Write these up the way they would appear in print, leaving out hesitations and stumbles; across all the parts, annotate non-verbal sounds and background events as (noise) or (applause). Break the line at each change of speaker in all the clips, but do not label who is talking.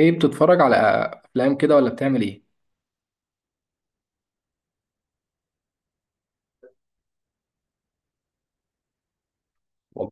ايه بتتفرج على افلام كده ولا بتعمل ايه؟ والله.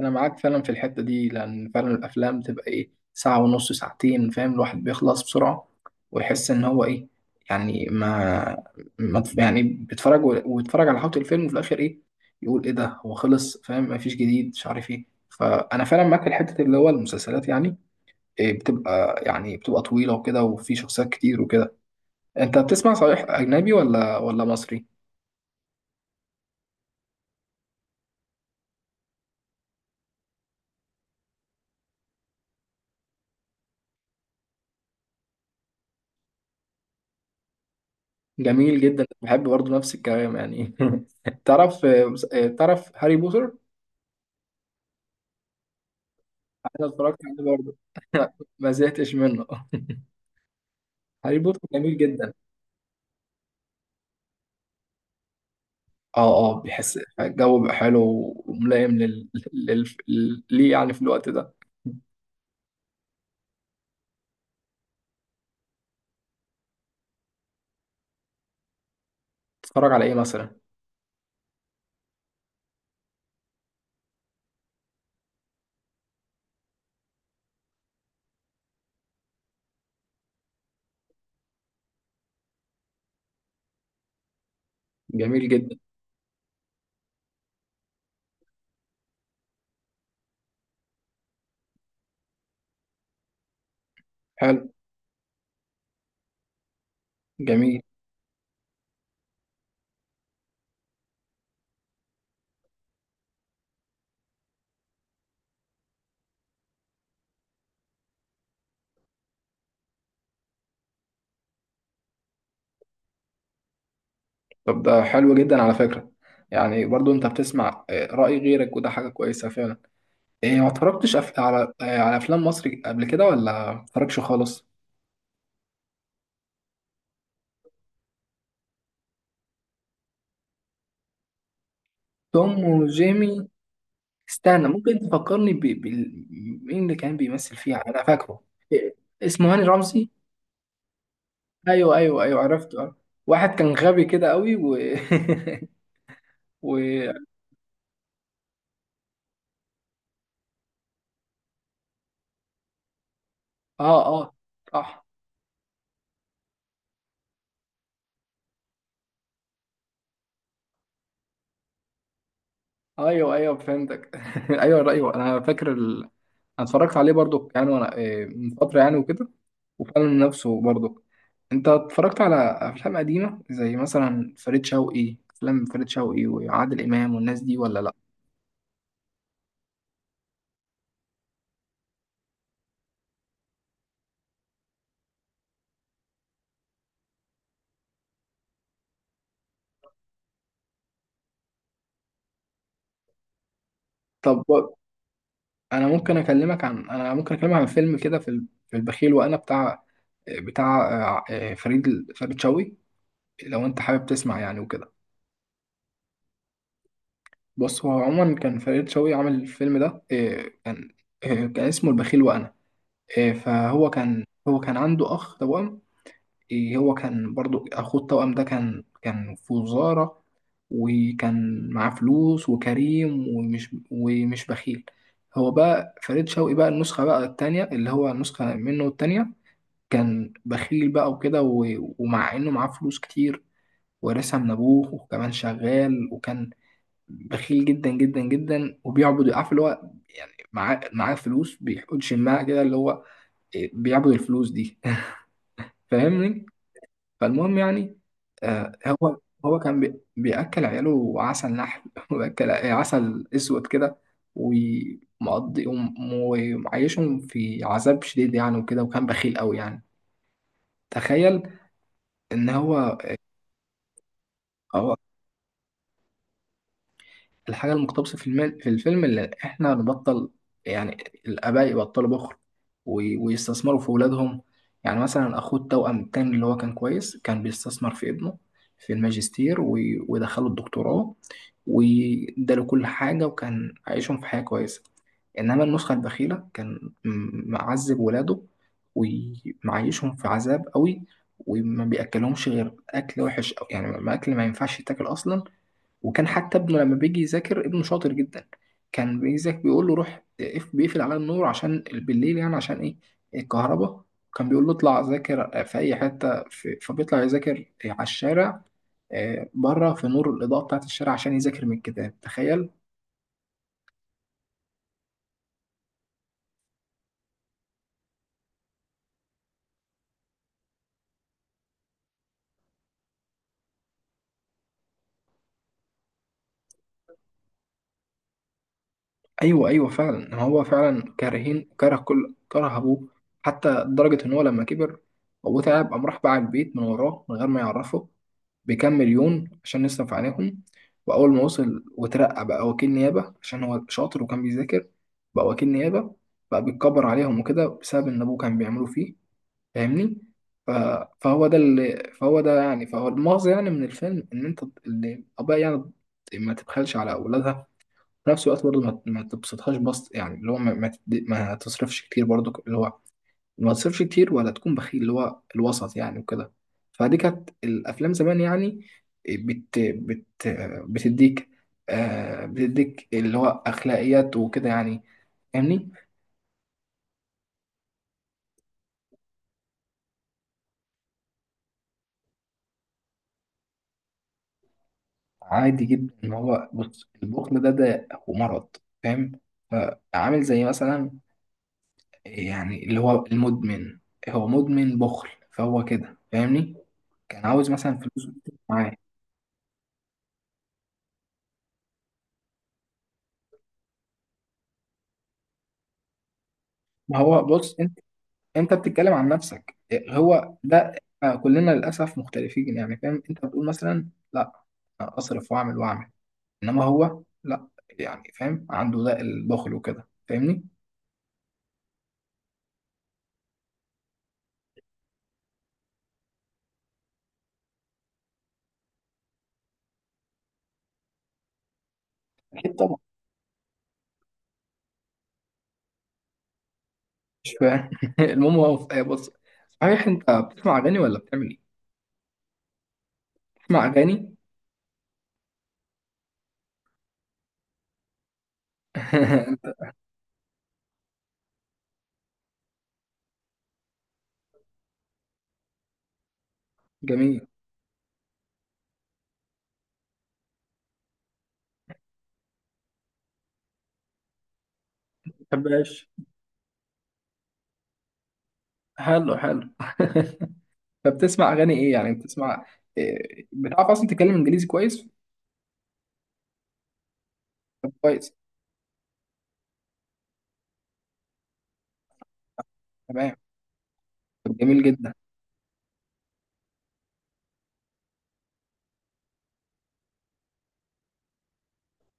انا معاك فعلا في الحته دي، لان فعلا الافلام بتبقى ايه ساعه ونص ساعتين، فاهم الواحد بيخلص بسرعه، ويحس ان هو ايه يعني ما يعني بيتفرج ويتفرج على حوض الفيلم، وفي الاخر ايه يقول ايه ده، هو خلص، فاهم؟ مفيش جديد، مش عارف ايه. فانا فعلا معاك في الحته اللي هو المسلسلات، يعني إيه، بتبقى يعني بتبقى طويله وكده، وفي شخصيات كتير وكده. انت بتسمع صحيح اجنبي ولا مصري؟ جميل جدا، بحب برضه نفس الكلام يعني. (laughs) تعرف تعرف هاري بوتر؟ انا اتفرجت عليه برضه. (laughs) ما زهقتش منه. (laughs) هاري بوتر جميل جدا. اه، اه، بيحس الجو بيبقى حلو، وملائم ليه يعني في الوقت ده. تتفرج على ايه مثلا؟ جميل جدا. حلو. جميل. طب ده حلو جدا على فكرة. يعني برضو انت بتسمع رأي غيرك، وده حاجة كويسة فعلا. إيه، ما اتفرجتش أف... على آه، على افلام مصري قبل كده، ولا ما اتفرجتش خالص؟ توم وجيمي. استنى، ممكن تفكرني مين اللي كان بيمثل فيها؟ انا فاكره. إيه، اسمه هاني رمزي. ايوه، ايوه، ايوه، عرفته آه. واحد كان غبي كده قوي و (laughs) و اه، اه، صح. ايوه، ايوه، فهمتك. (laughs) ايوه، ايوه، انا فاكر انا اتفرجت عليه برضو يعني، وانا من فتره يعني وكده. وفعلا نفسه برضو. انت اتفرجت على افلام قديمه زي مثلا فريد شوقي افلام فريد شوقي وعادل امام والناس دي، ولا لا؟ طب انا ممكن اكلمك عن فيلم كده في في البخيل وانا بتاع بتاع فريد شوقي، لو انت حابب تسمع يعني وكده. بص، هو عموما كان فريد شوقي عامل الفيلم ده، كان اسمه البخيل وانا. فهو كان عنده اخ توأم. هو كان برضو، اخوه التوأم ده كان في وزارة، وكان معاه فلوس وكريم ومش بخيل. هو بقى فريد شوقي، بقى النسخة بقى التانية، اللي هو النسخة منه التانية، كان بخيل بقى وكده ومع انه معاه فلوس كتير، وارثها من ابوه، وكمان شغال. وكان بخيل جدا جدا جدا، وبيعبد عارف اللي هو يعني معاه فلوس، بيحط شماعة كده اللي هو بيعبد الفلوس دي. (laughs) فاهمني؟ فالمهم يعني، آه هو هو كان بياكل عياله عسل نحل، (laughs) وبياكل عسل اسود كده، ومقضي ومعيشهم في عذاب شديد يعني وكده، وكان بخيل قوي يعني. تخيل ان هو. الحاجة المقتبسة في المال في الفيلم، اللي إحنا نبطل يعني. الآباء يبطلوا بخل، ويستثمروا في أولادهم. يعني مثلا، أخوه التوأم التاني اللي هو كان كويس، كان بيستثمر في ابنه في الماجستير، ودخله الدكتوراه، واداله كل حاجة، وكان عايشهم في حياة كويسة. إنما النسخة البخيلة، كان معذب ولاده، ومعيشهم في عذاب قوي، وما بيأكلهمش غير أكل وحش أوي. يعني ما أكل ما ينفعش يتاكل أصلا. وكان حتى ابنه لما بيجي يذاكر، ابنه شاطر جدا، كان بيجي يذاكر بيقول له روح بيقفل على النور عشان بالليل، يعني عشان ايه؟ الكهرباء. كان بيقول له اطلع ذاكر في اي حته، فبيطلع يذاكر على الشارع، بره في نور الاضاءه بتاعه الشارع، عشان يذاكر من الكتاب. تخيل! ايوه، ايوه، فعلا، هو فعلا كارهين كره كل كره ابوه، حتى لدرجه ان هو لما كبر، ابوه تعب، قام راح باع البيت من وراه من غير ما يعرفه، بكام مليون عشان نصرف عليهم. واول ما وصل وترقى بقى وكيل نيابه، عشان هو شاطر وكان بيذاكر، بقى وكيل نيابه، بقى بيتكبر عليهم وكده، بسبب ان ابوه كان بيعملوا فيه. فاهمني؟ ف- فهو ده اللي فهو ده يعني فهو المغزى يعني من الفيلم، ان انت اللي ابويا، يعني ما تبخلش على اولادها، في نفس الوقت برضه ما تبسطهاش بسط، يعني اللي هو ما تصرفش كتير، برضه اللي هو ما تصرفش كتير ولا تكون بخيل، اللي هو الوسط يعني وكده. فدي كانت الافلام زمان يعني، بت بت بتديك، بتديك اللي هو اخلاقيات وكده يعني. فاهمني؟ عادي جدا ان هو، بص، البخل ده هو مرض، فاهم؟ فعامل زي مثلا، يعني اللي هو المدمن، هو مدمن بخل، فهو كده فاهمني؟ كان عاوز مثلا فلوس معاه. ما هو بص، انت بتتكلم عن نفسك، هو ده. كلنا للاسف مختلفين يعني، فاهم؟ انت بتقول مثلا لا، اصرف واعمل واعمل، انما هو لا، يعني فاهم، عنده ده البخل وكده، فاهمني؟ اكيد طبعا. مش فاهم. (laughs) المهم هو بص، صحيح انت بتسمع اغاني ولا بتعمل ايه؟ بتسمع اغاني؟ (laughs) جميل. ما بحبهاش. حلو، حلو. (laughs) فبتسمع اغاني ايه يعني؟ بتسمع إيه؟ بتعرف اصلا تتكلم انجليزي كويس؟ طب كويس. تمام. طب جميل جدا.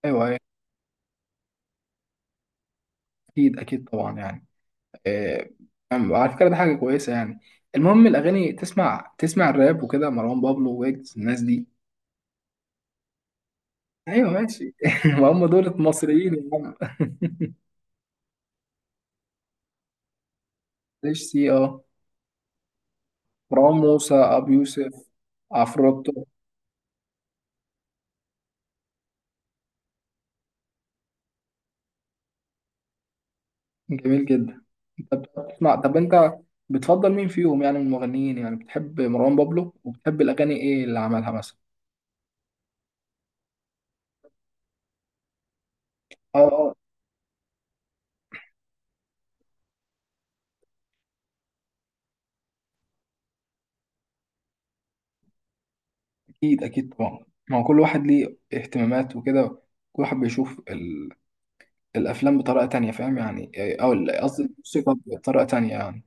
ايوه أيوه. اكيد، اكيد، طبعا يعني. آه، على فكره ده حاجه كويسه يعني. المهم الاغاني، تسمع الراب وكده، مروان بابلو ويجز الناس دي؟ ايوه ماشي. (laughs) ما هم دول مصريين يا عم. (laughs) ليش سي، اه. مروان موسى، ابو يوسف، عفروتو. جميل جدا، انت بتسمع، طب انت بتفضل مين فيهم يعني من المغنيين؟ يعني بتحب مروان بابلو، وبتحب الاغاني ايه اللي عملها مثلا؟ اه، اه، اكيد، اكيد، طبعا. ما هو كل واحد ليه اهتمامات وكده، كل واحد بيشوف الافلام بطريقه تانية، فاهم يعني، او قصدي الموسيقى بطريقه تانية يعني.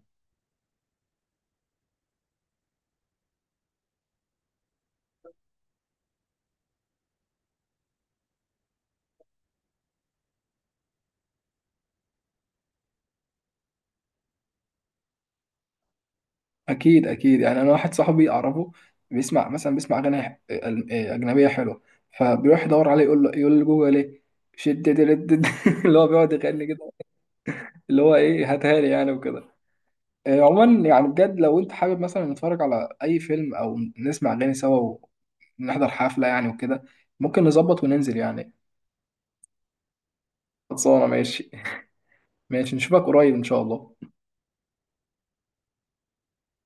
اكيد، اكيد يعني، انا واحد صاحبي اعرفه، بيسمع اغاني ح- أل- إيه، اجنبيه حلوه، فبيروح يدور عليه، يقول لجوجل ايه شد دد. (laughs) اللي هو بيقعد يغني كده، اللي هو ايه، هاتها لي يعني وكده. عموما يعني، بجد لو انت حابب مثلا نتفرج على اي فيلم، او نسمع اغاني سوا، ونحضر حفله يعني وكده، ممكن نظبط وننزل يعني. خلصانه، ماشي. ماشي، نشوفك قريب ان شاء الله.